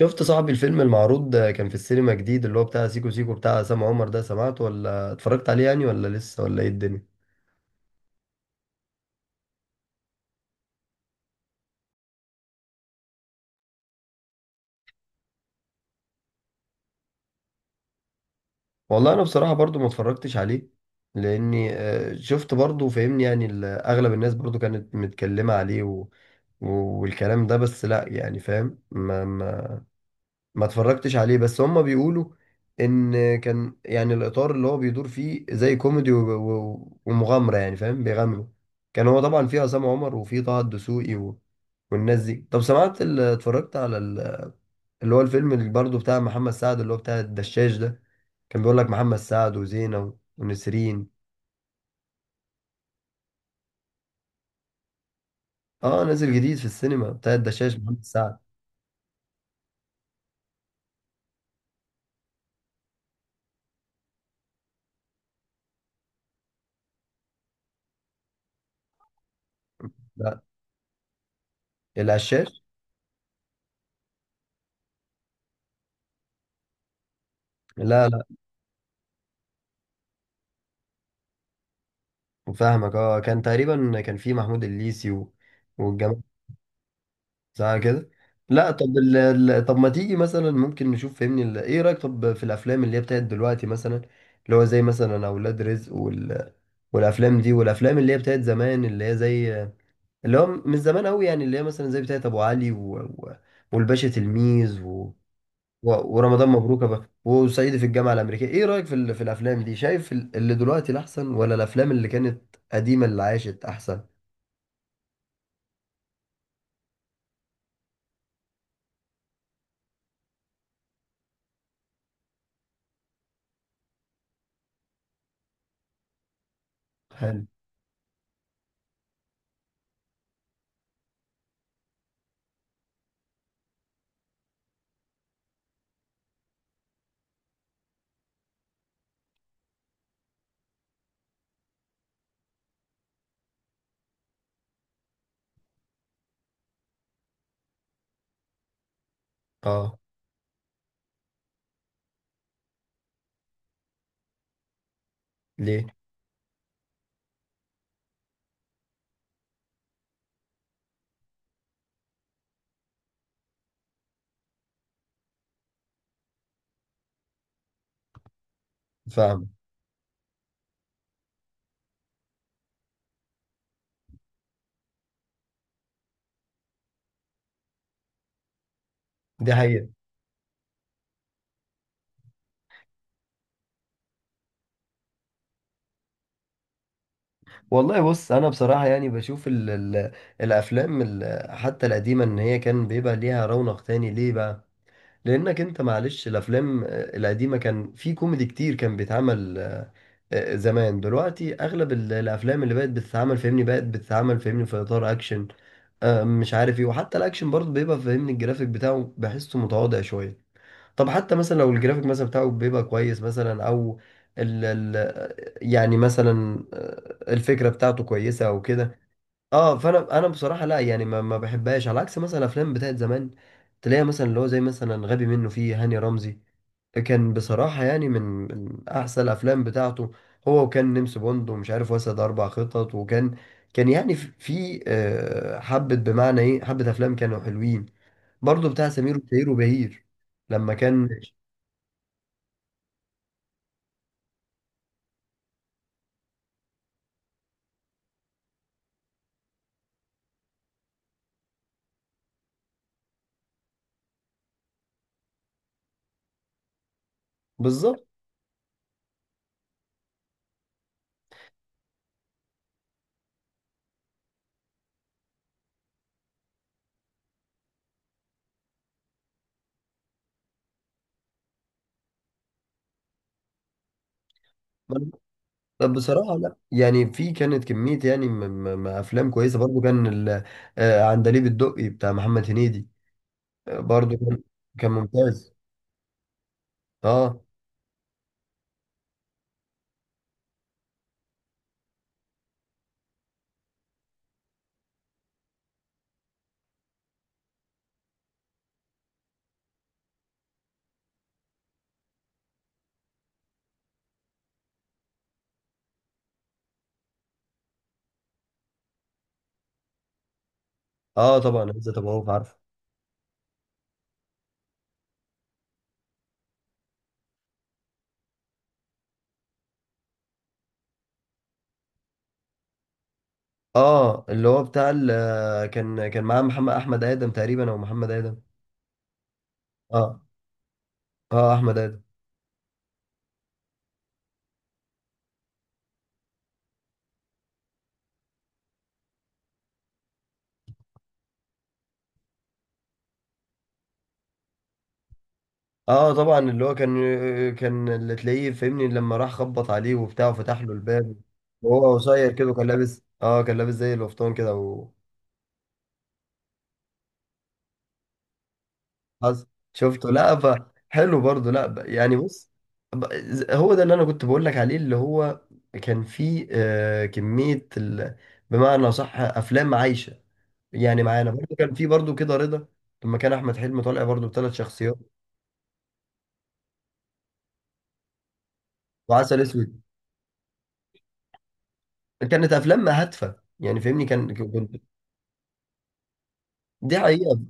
شفت صاحبي الفيلم المعروض كان في السينما جديد، اللي هو بتاع سيكو سيكو بتاع عصام عمر ده، سمعته ولا اتفرجت عليه يعني، ولا لسه ولا ايه الدنيا؟ والله انا بصراحة برضو ما اتفرجتش عليه لاني شفت، برضو فاهمني يعني اغلب الناس برضو كانت متكلمة عليه و- والكلام ده، بس لا يعني فاهم، ما اتفرجتش عليه، بس هم بيقولوا ان كان يعني الاطار اللي هو بيدور فيه زي كوميدي ومغامره، يعني فاهم بيغامروا. كان هو طبعا فيه عصام عمر وفيه طه الدسوقي والناس دي. طب سمعت، اتفرجت على اللي هو الفيلم اللي برضه بتاع محمد سعد، اللي هو بتاع الدشاش ده؟ كان بيقول لك محمد سعد وزينة ونسرين. اه، نازل جديد في السينما بتاع الدشاش، محمد سعد. لا، العشاش. لا لا، فاهمك اه. كان تقريبا كان فيه محمود الليثي والجماعة. صح كده. لا طب طب ما تيجي مثلا، ممكن نشوف فهمني، ايه رأيك طب في الافلام اللي هي بتاعت دلوقتي مثلا، اللي هو زي مثلا اولاد رزق والافلام دي، والافلام اللي هي بتاعت زمان، اللي هي زي اللي هو من زمان قوي يعني، اللي هي مثلا زي بتاعت ابو علي والباشا تلميذ و... ورمضان مبروك بقى، وصعيدي في الجامعة الأمريكية. ايه رأيك في في الافلام دي؟ شايف اللي دلوقتي الاحسن، ولا الافلام اللي كانت قديمة اللي عاشت احسن؟ حلو، اه. ليه؟ فاهم. دي حقيقة. والله بص، انا بصراحه يعني بشوف ال ال الافلام حتى القديمه، ان هي كان بيبقى ليها رونق تاني. ليه بقى؟ لانك انت معلش الافلام القديمه كان في كوميدي كتير، كان بيتعمل زمان. دلوقتي اغلب الافلام اللي بقت بتتعمل فاهمني، بقت بتتعمل فاهمني في اطار اكشن، مش عارف ايه، وحتى الاكشن برضه بيبقى فاهمني الجرافيك بتاعه بحسه متواضع شويه. طب حتى مثلا لو الجرافيك مثلا بتاعه بيبقى كويس مثلا، او ال ال يعني مثلا الفكره بتاعته كويسه او كده. اه، فانا انا بصراحه لا يعني، ما بحبهاش، على عكس مثلا الافلام بتاعت زمان، تلاقيها مثلا اللي هو زي مثلا غبي منه فيه، هاني رمزي. كان بصراحه يعني من احسن الافلام بتاعته. هو، وكان نمس بوند ومش عارف، واسد 4 خطط، وكان كان يعني في في، آه، حبه، بمعنى ايه؟ حبه افلام كانوا حلوين، برضو بتاع سمير وشهير وبهير لما كان. بالظبط. طب بصراحة، لا يعني في كانت كمية يعني أفلام كويسة برضو. كان عندليب الدقي بتاع محمد هنيدي، برضو كان ممتاز. اه اه، طبعا عزت أبو عوف عارفه. اه، اللي هو بتاع كان معاه محمد أحمد آدم تقريبا، أو محمد آدم. اه اه، أحمد آدم. اه طبعا، اللي هو كان اللي تلاقيه فاهمني لما راح خبط عليه وبتاع، وفتح له الباب، وهو قصير كده، وكان لابس اه كان لابس زي القفطان كده. حصل، شفته، لا. حلو برضه، لا. يعني بص، هو ده اللي انا كنت بقول لك عليه، اللي هو كان فيه كمية بمعنى صح، افلام عايشة يعني معانا. برضه كان فيه برضه كده رضا، لما كان احمد حلمي طالع برضه ب3 شخصيات، وعسل اسود. كانت افلام هادفة يعني فاهمني كان كنت. دي حقيقة.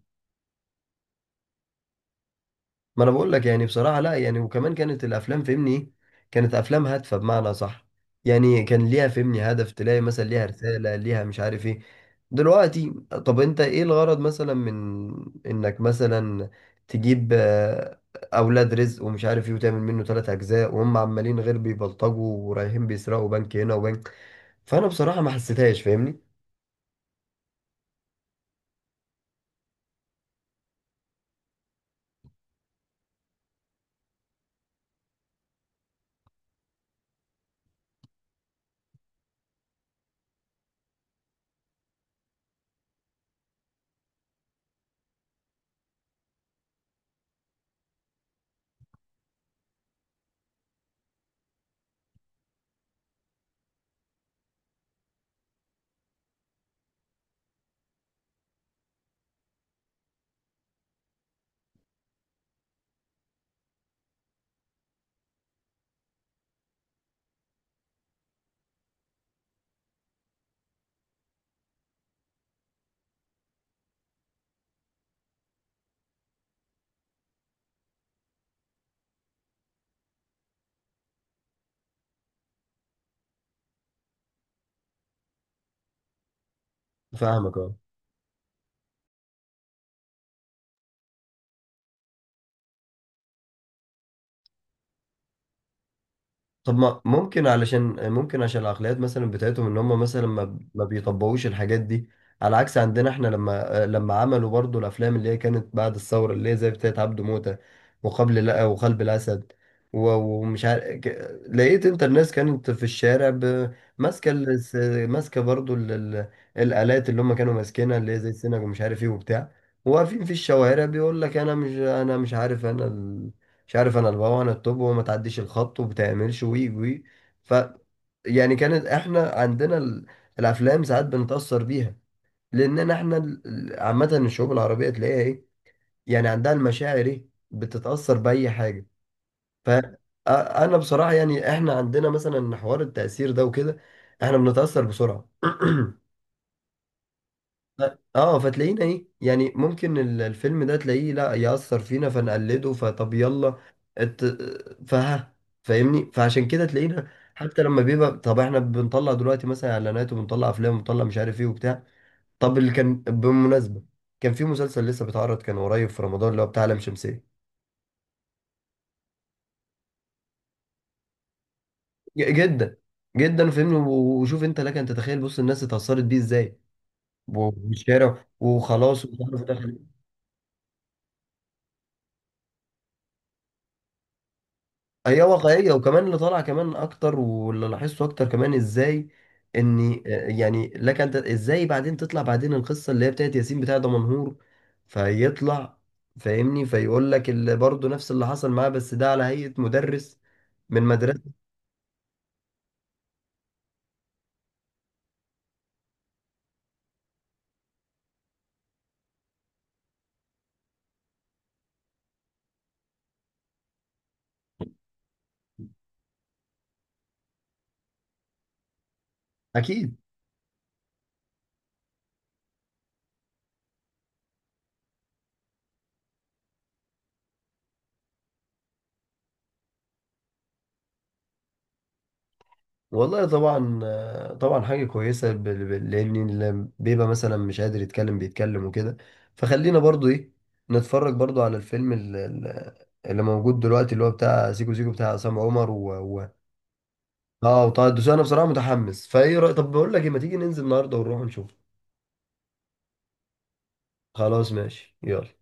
ما انا بقول لك يعني بصراحه لا يعني، وكمان كانت الافلام فهمني ايه، كانت افلام هادفه بمعنى صح، يعني كان ليها فهمني هدف، تلاقي مثلا ليها رساله، ليها مش عارف ايه. دلوقتي طب انت ايه الغرض مثلا من انك مثلا تجيب اولاد رزق ومش عارف ايه، وتعمل منه 3 اجزاء، وهم عمالين غير بيبلطجوا ورايحين بيسرقوا بنك هنا وبنك؟ فانا بصراحه ما حسيتهاش فاهمني. فاهمك، اه. طب ما ممكن علشان، ممكن عشان العقليات مثلا بتاعتهم ان هم مثلا ما بيطبقوش الحاجات دي، على عكس عندنا احنا لما عملوا برضو الافلام اللي هي كانت بعد الثوره، اللي هي زي بتاعت عبده موته، وقبل لا، وقلب الاسد، ومش عارف لقيت انت الناس كانت في الشارع ماسكه ماسكه برضو الالات اللي هم كانوا ماسكينها، اللي هي زي السنج ومش عارف ايه وبتاع، واقفين في الشوارع بيقول لك انا مش، انا مش عارف، انا مش عارف، انا البابا انا التوب، وما تعديش الخط وبتعملش وي وي. ف يعني كانت احنا عندنا الافلام ساعات بنتاثر بيها، لاننا احنا عامه الشعوب العربيه تلاقيها ايه، يعني عندها المشاعر ايه، بتتاثر باي حاجه. ف أ- انا بصراحه يعني احنا عندنا مثلا حوار التاثير ده وكده، احنا بنتاثر بسرعه. اه، فتلاقينا ايه يعني ممكن الفيلم ده تلاقيه لا يأثر فينا فنقلده، فطب يلا ات... فها فاهمني، فعشان كده تلاقينا. حتى لما بيبقى، طب احنا بنطلع دلوقتي مثلا اعلانات، وبنطلع افلام، وبنطلع مش عارف ايه وبتاع. طب اللي كان بالمناسبة، كان في مسلسل لسه بيتعرض، كان قريب في رمضان، اللي هو بتاع لام شمسية. جدا جدا فاهمني، وشوف انت لك ان تتخيل، بص الناس اتأثرت بيه ازاي، والشارع وخلاص ومش عارف ده. هي واقعية، وكمان اللي طالع كمان أكتر، واللي لاحظته أكتر كمان، إزاي إن يعني لك أنت إزاي بعدين تطلع بعدين القصة اللي هي بتاعت ياسين بتاع دمنهور، فيطلع فاهمني فيقول لك اللي برضه نفس اللي حصل معاه، بس ده على هيئة مدرس من مدرسة. أكيد. والله طبعا، طبعا حاجة كويسة لأن اللي بيبقى مثلا مش قادر يتكلم بيتكلم وكده، فخلينا برضو إيه نتفرج برضو على الفيلم اللي موجود دلوقتي، اللي هو بتاع سيكو سيكو بتاع عصام عمر و... اه وطه الدسوقي. أنا بصراحة متحمس، فإيه رأي؟ طب بقول لك إيه، ما تيجي ننزل النهاردة ونروح نشوف؟ خلاص ماشي، يلا.